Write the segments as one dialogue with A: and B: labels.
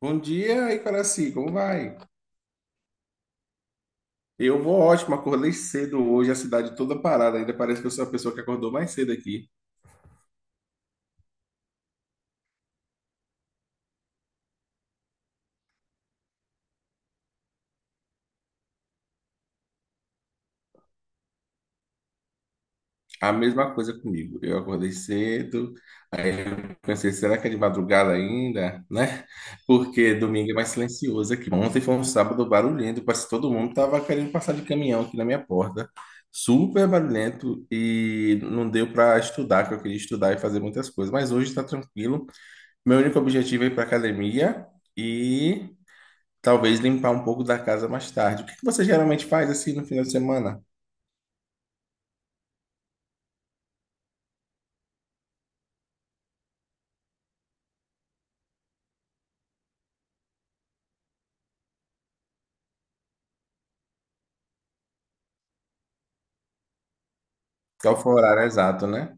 A: Bom dia, Icaraci, como vai? Eu vou ótimo, acordei cedo hoje, a cidade toda parada, ainda parece que eu sou a pessoa que acordou mais cedo aqui. A mesma coisa comigo. Eu acordei cedo, aí eu pensei, será que é de madrugada ainda, né? Porque domingo é mais silencioso aqui. Ontem foi um sábado barulhento, parece que todo mundo tava querendo passar de caminhão aqui na minha porta. Super barulhento e não deu para estudar, que eu queria estudar e fazer muitas coisas. Mas hoje está tranquilo. Meu único objetivo é ir para academia e talvez limpar um pouco da casa mais tarde. O que que você geralmente faz assim no final de semana? Qual foi o horário exato, né?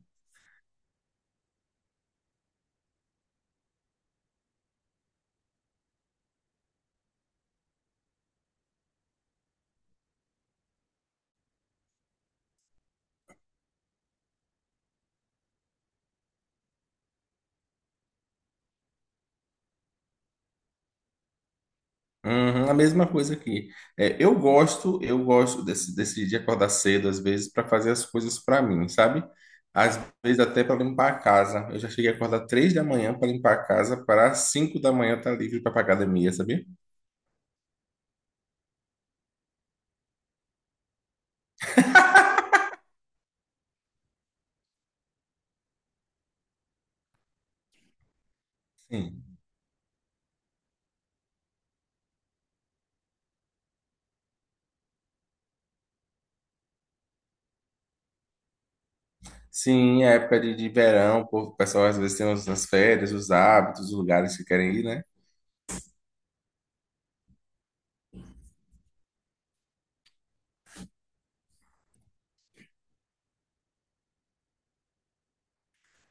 A: Uhum, a mesma coisa aqui. É, eu gosto desse de acordar cedo, às vezes, para fazer as coisas para mim, sabe? Às vezes até para limpar a casa. Eu já cheguei a acordar 3 da manhã para limpar a casa, para 5 da manhã estar livre para pra academia, sabia? Sim. Sim, é época de verão, o povo- o pessoal às vezes tem as férias, os hábitos, os lugares que querem ir, né?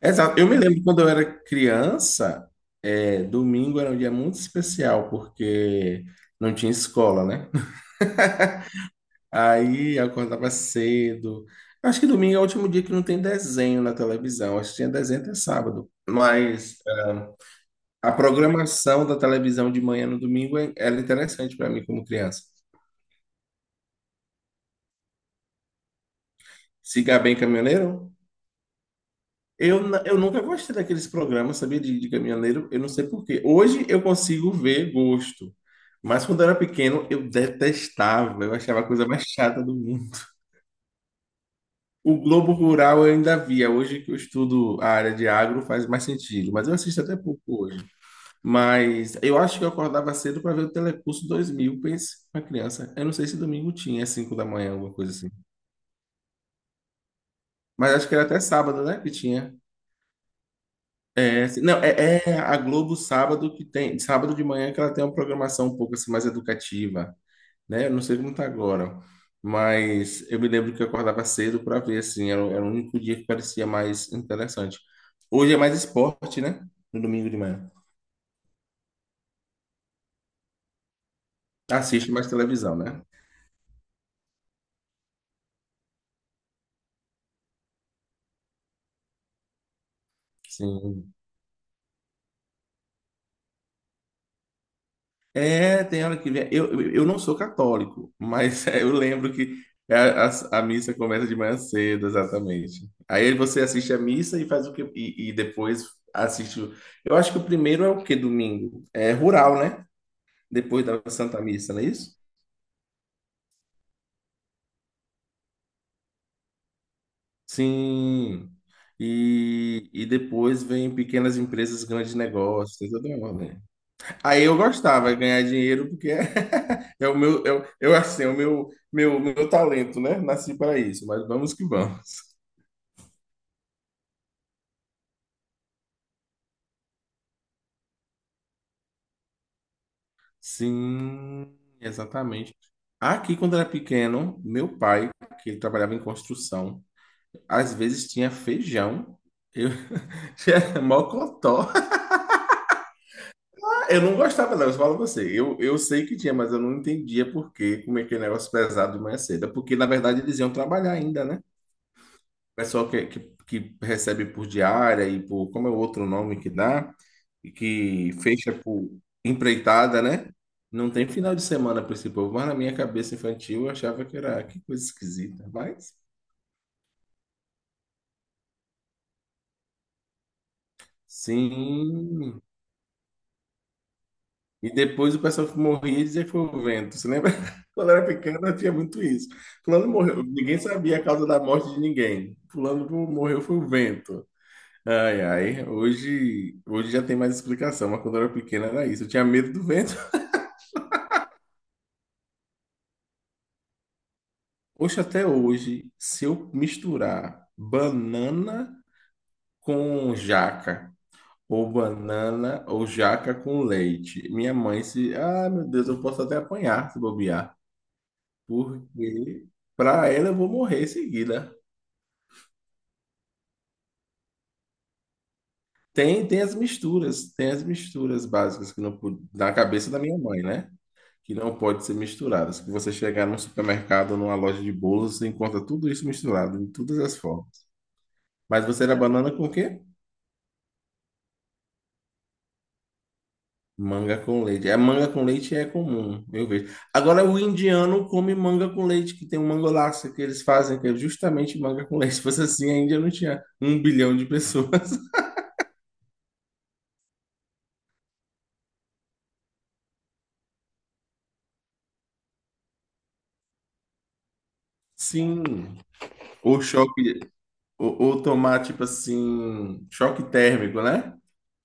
A: Exato. Eu me lembro quando eu era criança, é, domingo era um dia muito especial, porque não tinha escola, né? Aí eu acordava cedo. Acho que domingo é o último dia que não tem desenho na televisão. Acho que tinha desenho até sábado. Mas a programação da televisão de manhã no domingo é- era interessante para mim como criança. Siga Bem Caminhoneiro? Eu, n- eu nunca gostei daqueles programas, sabia, de caminhoneiro. Eu não sei por quê. Hoje eu consigo ver gosto. Mas quando eu era pequeno, eu detestava. Eu achava a coisa mais chata do mundo. O Globo Rural eu ainda via. Hoje que eu estudo a área de agro faz mais sentido, mas eu assisto até pouco hoje. Mas eu acho que eu acordava cedo para ver o Telecurso 2000, pense, uma criança. Eu não sei se domingo tinha, às 5 da manhã, alguma coisa assim. Mas acho que era até sábado, né, que tinha. É, se- não, é, é a Globo sábado que tem, sábado de manhã que ela tem uma programação um pouco assim mais educativa. Né? Eu não sei como tá agora, mas eu me lembro que eu acordava cedo para ver, assim, era, o- era o único dia que parecia mais interessante. Hoje é mais esporte, né? No domingo de manhã. Assiste mais televisão, né? Sim. É, tem hora que vem. Eu não sou católico, mas é, eu lembro que a missa começa de manhã cedo, exatamente. Aí você assiste a missa e faz o que e depois assiste. Eu acho que o primeiro é o que domingo? É rural, né? Depois da Santa Missa, não é isso? Sim. E depois vem pequenas empresas, grandes negócios, tem toda uma ordem. Aí eu gostava de ganhar dinheiro porque é, é o meu, eu assim, é o meu, meu, meu talento, né? Nasci para isso, mas vamos que vamos. Sim, exatamente. Aqui, quando era pequeno, meu pai, que ele trabalhava em construção, às vezes tinha feijão, eu tinha mocotó. Eu não gostava, não, eu falo pra você. Eu sei que tinha, mas eu não entendia por que como é que é negócio pesado de manhã cedo. É porque, na verdade, eles iam trabalhar ainda, né? O pessoal que recebe por diária e por, como é o outro nome que dá, e que fecha por empreitada, né? Não tem final de semana para esse povo, mas na minha cabeça infantil eu achava que era, que coisa esquisita. Mas, sim, e depois o pessoal que morria e dizia que foi o vento. Você lembra? Quando eu era pequeno, tinha muito isso. Fulano morreu. Ninguém sabia a causa da morte de ninguém. Fulano morreu foi o vento. Ai, ai. Hoje já tem mais explicação, mas quando eu era pequeno era isso. Eu tinha medo do vento. Hoje, até hoje, se eu misturar banana com jaca, ou banana ou jaca com leite, minha mãe se. Ah, meu Deus, eu posso até apanhar se bobear. Porque para ela eu vou morrer em seguida. Tem as misturas básicas que não pod- na cabeça da minha mãe, né? Que não pode ser misturadas. Que você chegar num supermercado, numa loja de bolos, você encontra tudo isso misturado de todas as formas. Mas você era banana com o quê? Manga com leite. A manga com leite é comum, eu vejo. Agora o indiano come manga com leite, que tem um mangolaço que eles fazem, que é justamente manga com leite. Se fosse assim, a Índia não tinha 1 bilhão de pessoas. Sim. O choque, ou tomar, tipo assim, choque térmico, né?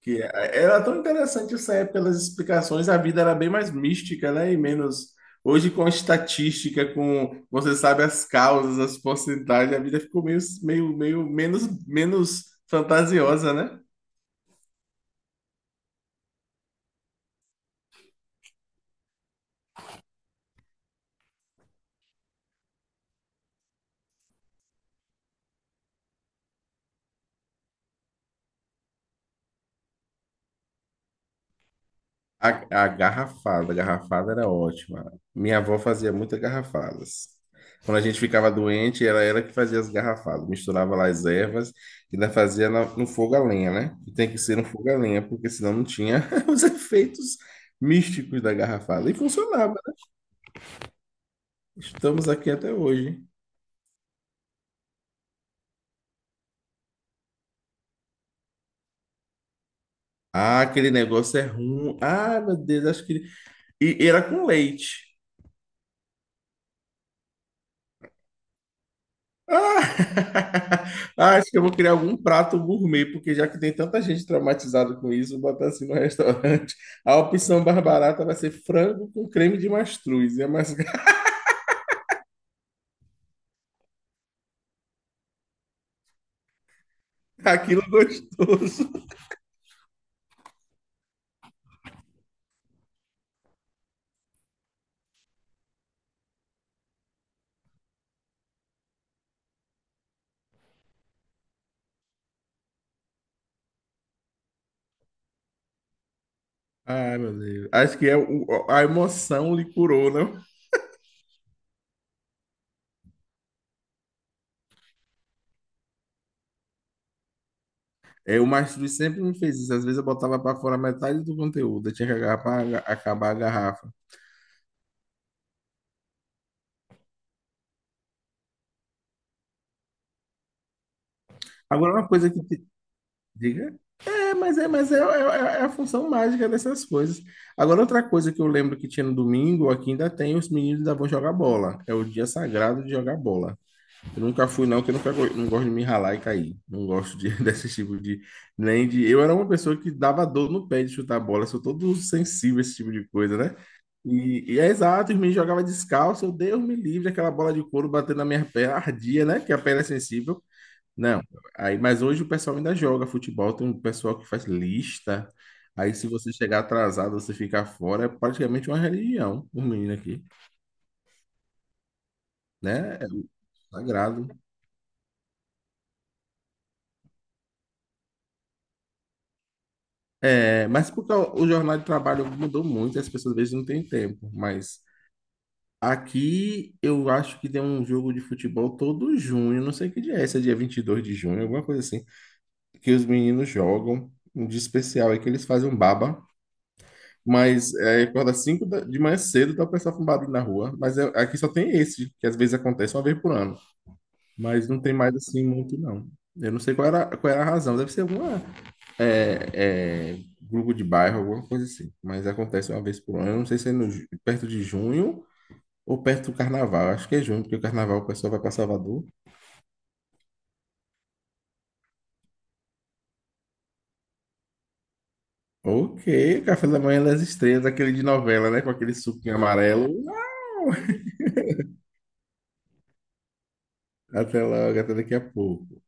A: Que é, era tão interessante essa época pelas explicações, a vida era bem mais mística, né? E menos. Hoje, com a estatística, com você sabe as causas, as porcentagens, a vida ficou meio, meio menos, menos, fantasiosa, né? A garrafada era ótima. Minha avó fazia muitas garrafadas. Quando a gente ficava doente, ela era que fazia as garrafadas. Misturava lá as ervas e ainda fazia na- no fogo a lenha, né? E tem que ser no fogo a lenha, porque senão não tinha os efeitos místicos da garrafada. E funcionava, né? Estamos aqui até hoje. Ah, aquele negócio é ruim. Ah, meu Deus, acho que. E era com leite. Ah, ah, acho que eu vou criar algum prato gourmet, porque já que tem tanta gente traumatizada com isso, vou botar assim no restaurante. A opção mais barata vai ser frango com creme de mastruz. É mais aquilo gostoso. Ai, meu Deus. Acho que é a emoção lhe curou, não? É, o mastruz sempre me fez isso. Às vezes eu botava para fora metade do conteúdo. Eu tinha que agarrar pra acabar a garrafa. Agora, uma coisa que te... Diga. É, mas é, mas é a função mágica dessas coisas. Agora, outra coisa que eu lembro que tinha no domingo, aqui ainda tem, os meninos ainda vão jogar bola. É o dia sagrado de jogar bola. Eu nunca fui, não, porque eu nunca, go- não gosto de me ralar e cair. Não gosto de, desse tipo de. Nem de. Eu era uma pessoa que dava dor no pé de chutar bola, sou todo sensível a esse tipo de coisa, né? E é exato, os meninos jogavam descalço, eu Deus me livre, aquela bola de couro batendo na minha perna, ardia, né? Que a perna é sensível. Não, aí, mas hoje o pessoal ainda joga futebol, tem um pessoal que faz lista. Aí se você chegar atrasado, você ficar fora, é praticamente uma religião, os meninos aqui, né? É um sagrado. É, mas porque o jornal de trabalho mudou muito, as pessoas às vezes não têm tempo, mas aqui eu acho que tem um jogo de futebol todo junho, não sei que dia é esse, é dia 22 de junho, alguma coisa assim, que os meninos jogam, um dia especial aí que eles fazem um baba. Mas é, acorda 5 da- de manhã cedo, tá o pessoal com barulho na rua. Mas é- aqui só tem esse, que às vezes acontece uma vez por ano. Mas não tem mais assim muito, não. Eu não sei qual era a razão. Deve ser alguma grupo de bairro, alguma coisa assim. Mas acontece uma vez por ano. Eu não sei se é no ju- perto de junho ou perto do carnaval. Acho que é junho, porque o carnaval o pessoal vai para Salvador. Ok, café da manhã das estrelas, aquele de novela, né? Com aquele suquinho amarelo. Até logo, até daqui a pouco.